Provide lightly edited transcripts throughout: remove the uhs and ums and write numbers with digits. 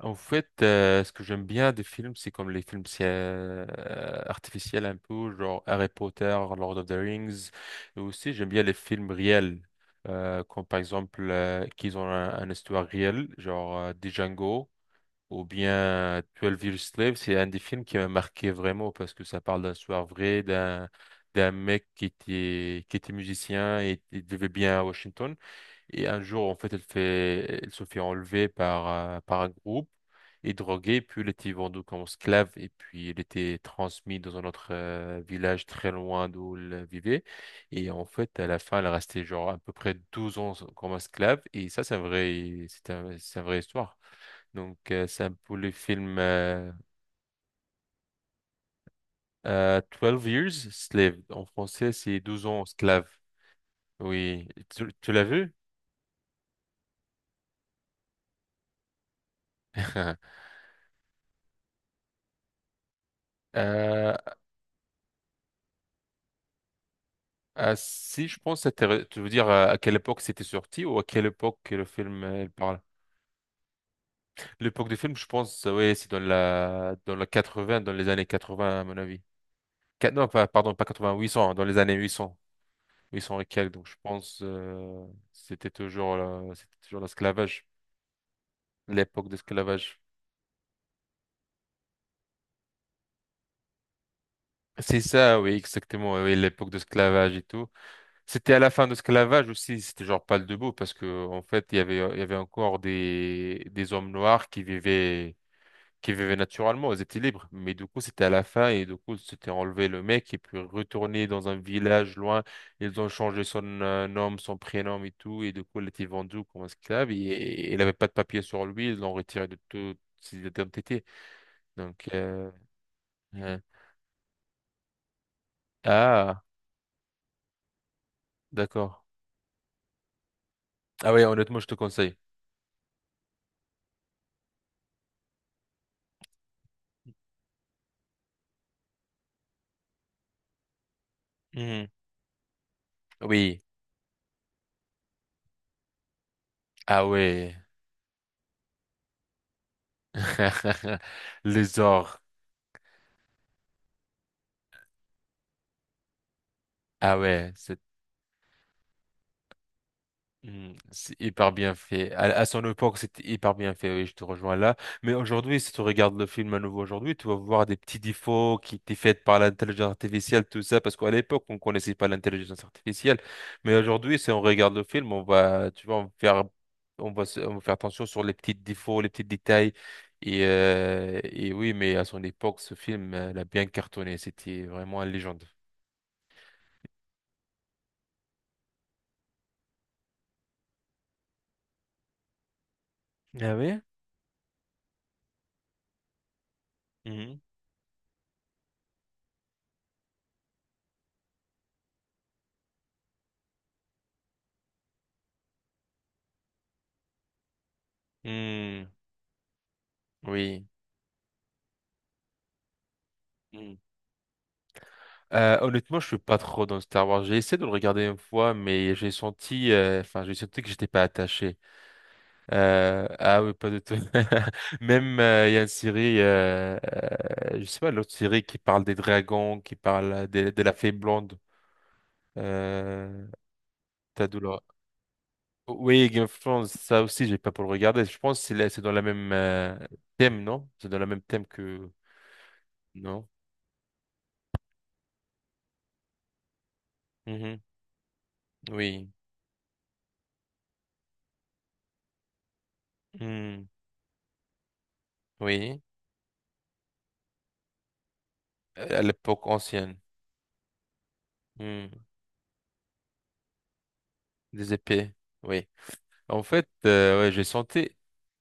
En fait, ce que j'aime bien des films, c'est comme les films c'est, artificiels un peu, genre Harry Potter, Lord of the Rings. Et aussi, j'aime bien les films réels, comme par exemple qu'ils ont une histoire réelle, genre The Django ou bien Twelve Years Slave. C'est un des films qui m'a marqué vraiment parce que ça parle d'une histoire vraie, d'un mec qui était musicien et il vivait bien à Washington. Et un jour, en fait, elle se fait enlever par un groupe et droguée, puis elle était vendue comme esclave, et puis elle était transmise dans un autre village très loin d'où elle vivait. Et en fait, à la fin, elle restait genre à peu près 12 ans comme esclave, et ça, c'est un vrai, c'est un, c'est une vraie histoire. Donc, c'est un peu le film 12 Years Slave. En français, c'est Douze ans esclave. Oui, tu l'as vu? Euh, Si je pense, tu veux dire à quelle époque c'était sorti ou à quelle époque que le film il parle? L'époque du film, je pense, oui, c'est dans la vingts dans les années 80 à mon avis. Non, pas, pardon, pas quatre-vingts, 800, hein, dans les années 800, 800 et quelques. Donc je pense, c'était toujours l'esclavage, l'époque d'esclavage. C'est ça, oui, exactement, oui, oui, l'époque de l'esclavage et tout. C'était à la fin de l'esclavage aussi, c'était genre pas le debout parce que en fait il y avait encore des hommes noirs qui vivaient naturellement, elles étaient libres. Mais du coup, c'était à la fin, et du coup, c'était enlevé le mec et puis retourné dans un village loin. Ils ont changé son nom, son prénom et tout. Et du coup, il était vendu comme esclave et il n'avait pas de papier sur lui. Ils l'ont retiré de toute ses identités. Donc, euh, ah, d'accord. Ah oui, honnêtement, je te conseille. Mhm. Oui. Ah ouais. Les ors. Ah ouais. C'est hyper bien fait. À son époque, c'était hyper bien fait, oui, je te rejoins là. Mais aujourd'hui, si tu regardes le film à nouveau aujourd'hui, tu vas voir des petits défauts qui étaient faits par l'intelligence artificielle, tout ça, parce qu'à l'époque, on connaissait pas l'intelligence artificielle. Mais aujourd'hui, si on regarde le film, tu vois, on va faire attention sur les petits défauts, les petits détails. Et oui, mais à son époque, ce film, l'a bien cartonné. C'était vraiment une légende. Ah oui? Mhm. Hmm, oui. Mmh. Honnêtement, je suis pas trop dans Star Wars. J'ai essayé de le regarder une fois, mais enfin, j'ai senti que j'étais pas attaché. Ah oui, pas du tout. Même il y a une série, je sais pas, l'autre série qui parle des dragons, qui parle de la fée blonde. Euh, T'as d'où là? Oui, Game of Thrones, ça aussi, j'ai pas pour le regarder. Je pense que c'est dans la même thème, non? C'est dans le même thème que non? Mhm. Oui, hmm. Oui, à l'époque ancienne. Hmm. Des épées, oui. En fait, ouais, j'ai senti,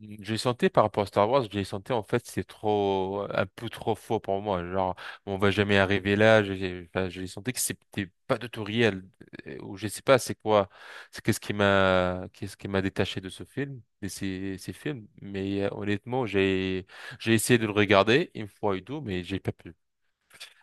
j'ai senti par rapport à Star Wars, j'ai senti en fait c'est trop, un peu trop faux pour moi. Genre, on va jamais arriver là. J'ai enfin, j'ai senti que c'était pas du tout réel. Ou je sais pas, c'est qu'est-ce qui m'a détaché de ce film, de ces films. Mais honnêtement, j'ai essayé de le regarder une fois et tout, mais j'ai pas pu.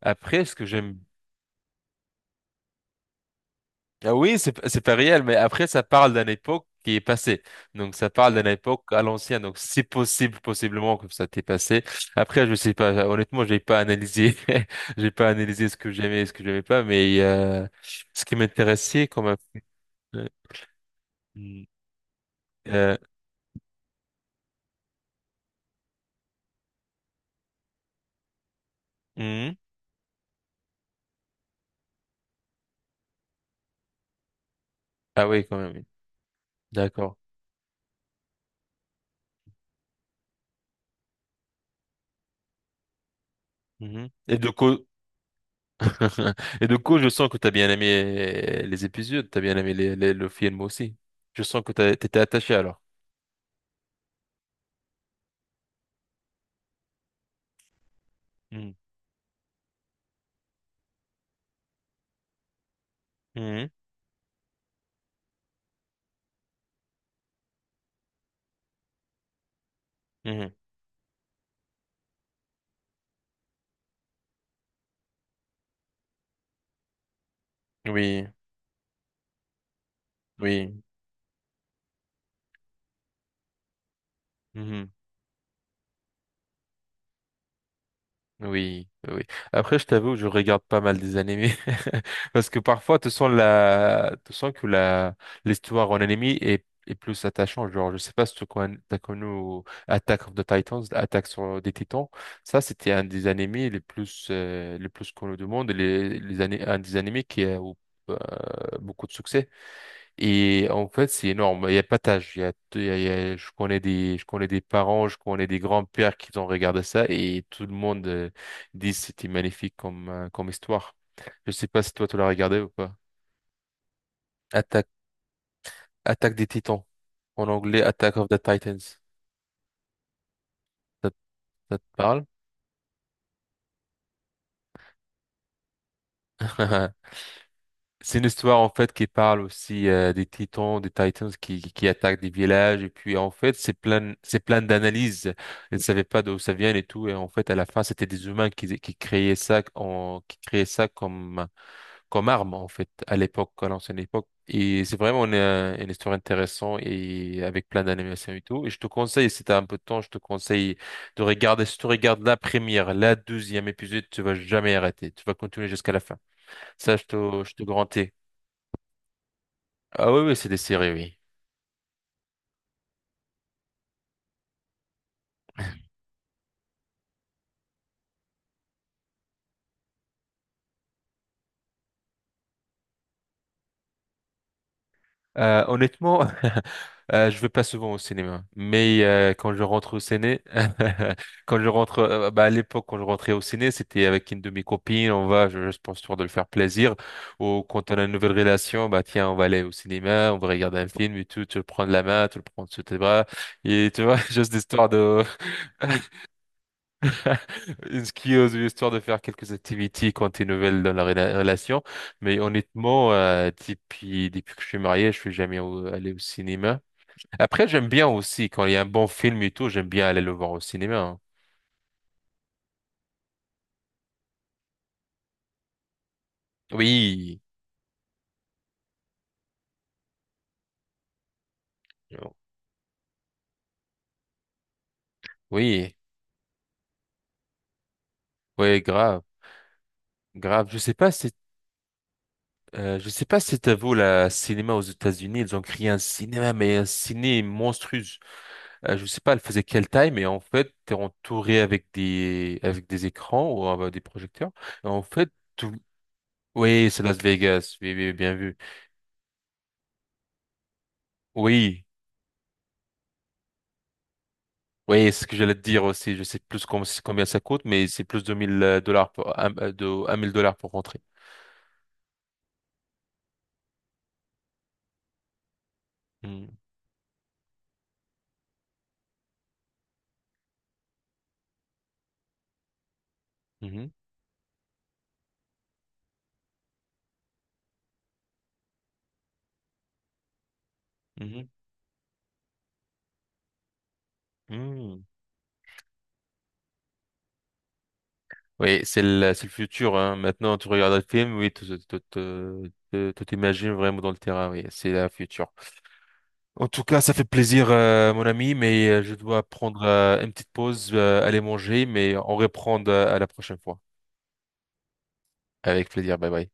Après, ce que j'aime. Ah oui, c'est pas réel, mais après, ça parle d'une époque qui est passée. Donc, ça parle d'une époque à l'ancienne. Donc, c'est possible, possiblement, que ça t'est passé. Après, je sais pas. Honnêtement, j'ai pas analysé. J'ai pas analysé ce que j'aimais et ce que j'aimais pas, mais ce qui m'intéressait quand même. euh, mm, euh, mm. Ah oui, quand même. Oui. D'accord. Mhm. Et du coup, et du coup, je sens que t'as bien aimé les épisodes, t'as bien aimé le film aussi. Je sens que t'étais attaché alors. Mhm. Mhm. Mhm. Oui. Oui, mhm, oui, oui. Après, je t'avoue, je regarde pas mal des animés parce que parfois, tu sens que la l'histoire en anime est plus attachante. Genre, je sais pas si tu connais, t'as connu Attack of the Titans, Attaque sur des Titans. Ça, c'était un des animés les plus connus du monde, un des animés qui a eu, euh, beaucoup de succès. Et en fait, c'est énorme. Il y a pas d'âge. Il y a, il y a- il y a- Je connais des parents, je connais des grands-pères qui ont regardé ça et tout le monde dit que c'était magnifique comme histoire. Je sais pas si toi tu l'as regardé ou pas. Attaque, Attaque des Titans. En anglais, Attack of the Titans. Ça, ça te parle? C'est une histoire en fait qui parle aussi des Titans qui attaquent des villages et puis en fait c'est plein d'analyses. Ils ne savaient pas d'où ça vient et tout, et en fait à la fin c'était des humains qui créaient ça comme arme, en fait, à l'ancienne époque, et c'est vraiment une histoire intéressante, et avec plein d'animations et tout, et je te conseille, si t'as un peu de temps, je te conseille de regarder. Si tu regardes la deuxième épisode, tu vas jamais arrêter, tu vas continuer jusqu'à la fin, ça je te garantis. Ah oui, oui, c'est des séries, oui. Honnêtement, je vais pas souvent au cinéma, mais quand je rentre au ciné, quand je rentre, bah, à l'époque quand je rentrais au ciné, c'était avec une de mes copines, je pense histoire de le faire plaisir, ou quand on a une nouvelle relation, bah tiens, on va aller au cinéma, on va regarder un film et tout, tu le prends de la main, tu le prends sous tes bras, et tu vois, juste histoire de Ce qui ose histoire de faire quelques activités quand t'es nouvelle dans relation. Mais honnêtement, depuis que je suis marié, je suis jamais allé au cinéma. Après, j'aime bien aussi, quand il y a un bon film et tout, j'aime bien aller le voir au cinéma, hein. Oui, oui, ouais, grave, grave. Je sais pas si, je sais pas si t'as vu le cinéma aux États-Unis, ils ont créé un cinéma, mais un ciné monstrueux. Je sais pas, elle faisait quelle taille, mais en fait, t'es entouré avec des écrans ou des projecteurs. Et en fait, tout. Oui, c'est Las Vegas. Oui, oui, bien vu. Oui, oui, c'est ce que j'allais te dire aussi. Je sais plus combien ça coûte, mais c'est plus de 1 000 dollars 1 000 dollars pour rentrer. Mm. Mhm, mhm, mm. Oui, c'est le futur, hein. Maintenant, tu regardes le film, oui, tu t'imagines vraiment dans le terrain, oui, c'est la future. En tout cas, ça fait plaisir, mon ami, mais je dois prendre une petite pause, aller manger, mais on reprend à la prochaine fois. Avec plaisir, bye bye.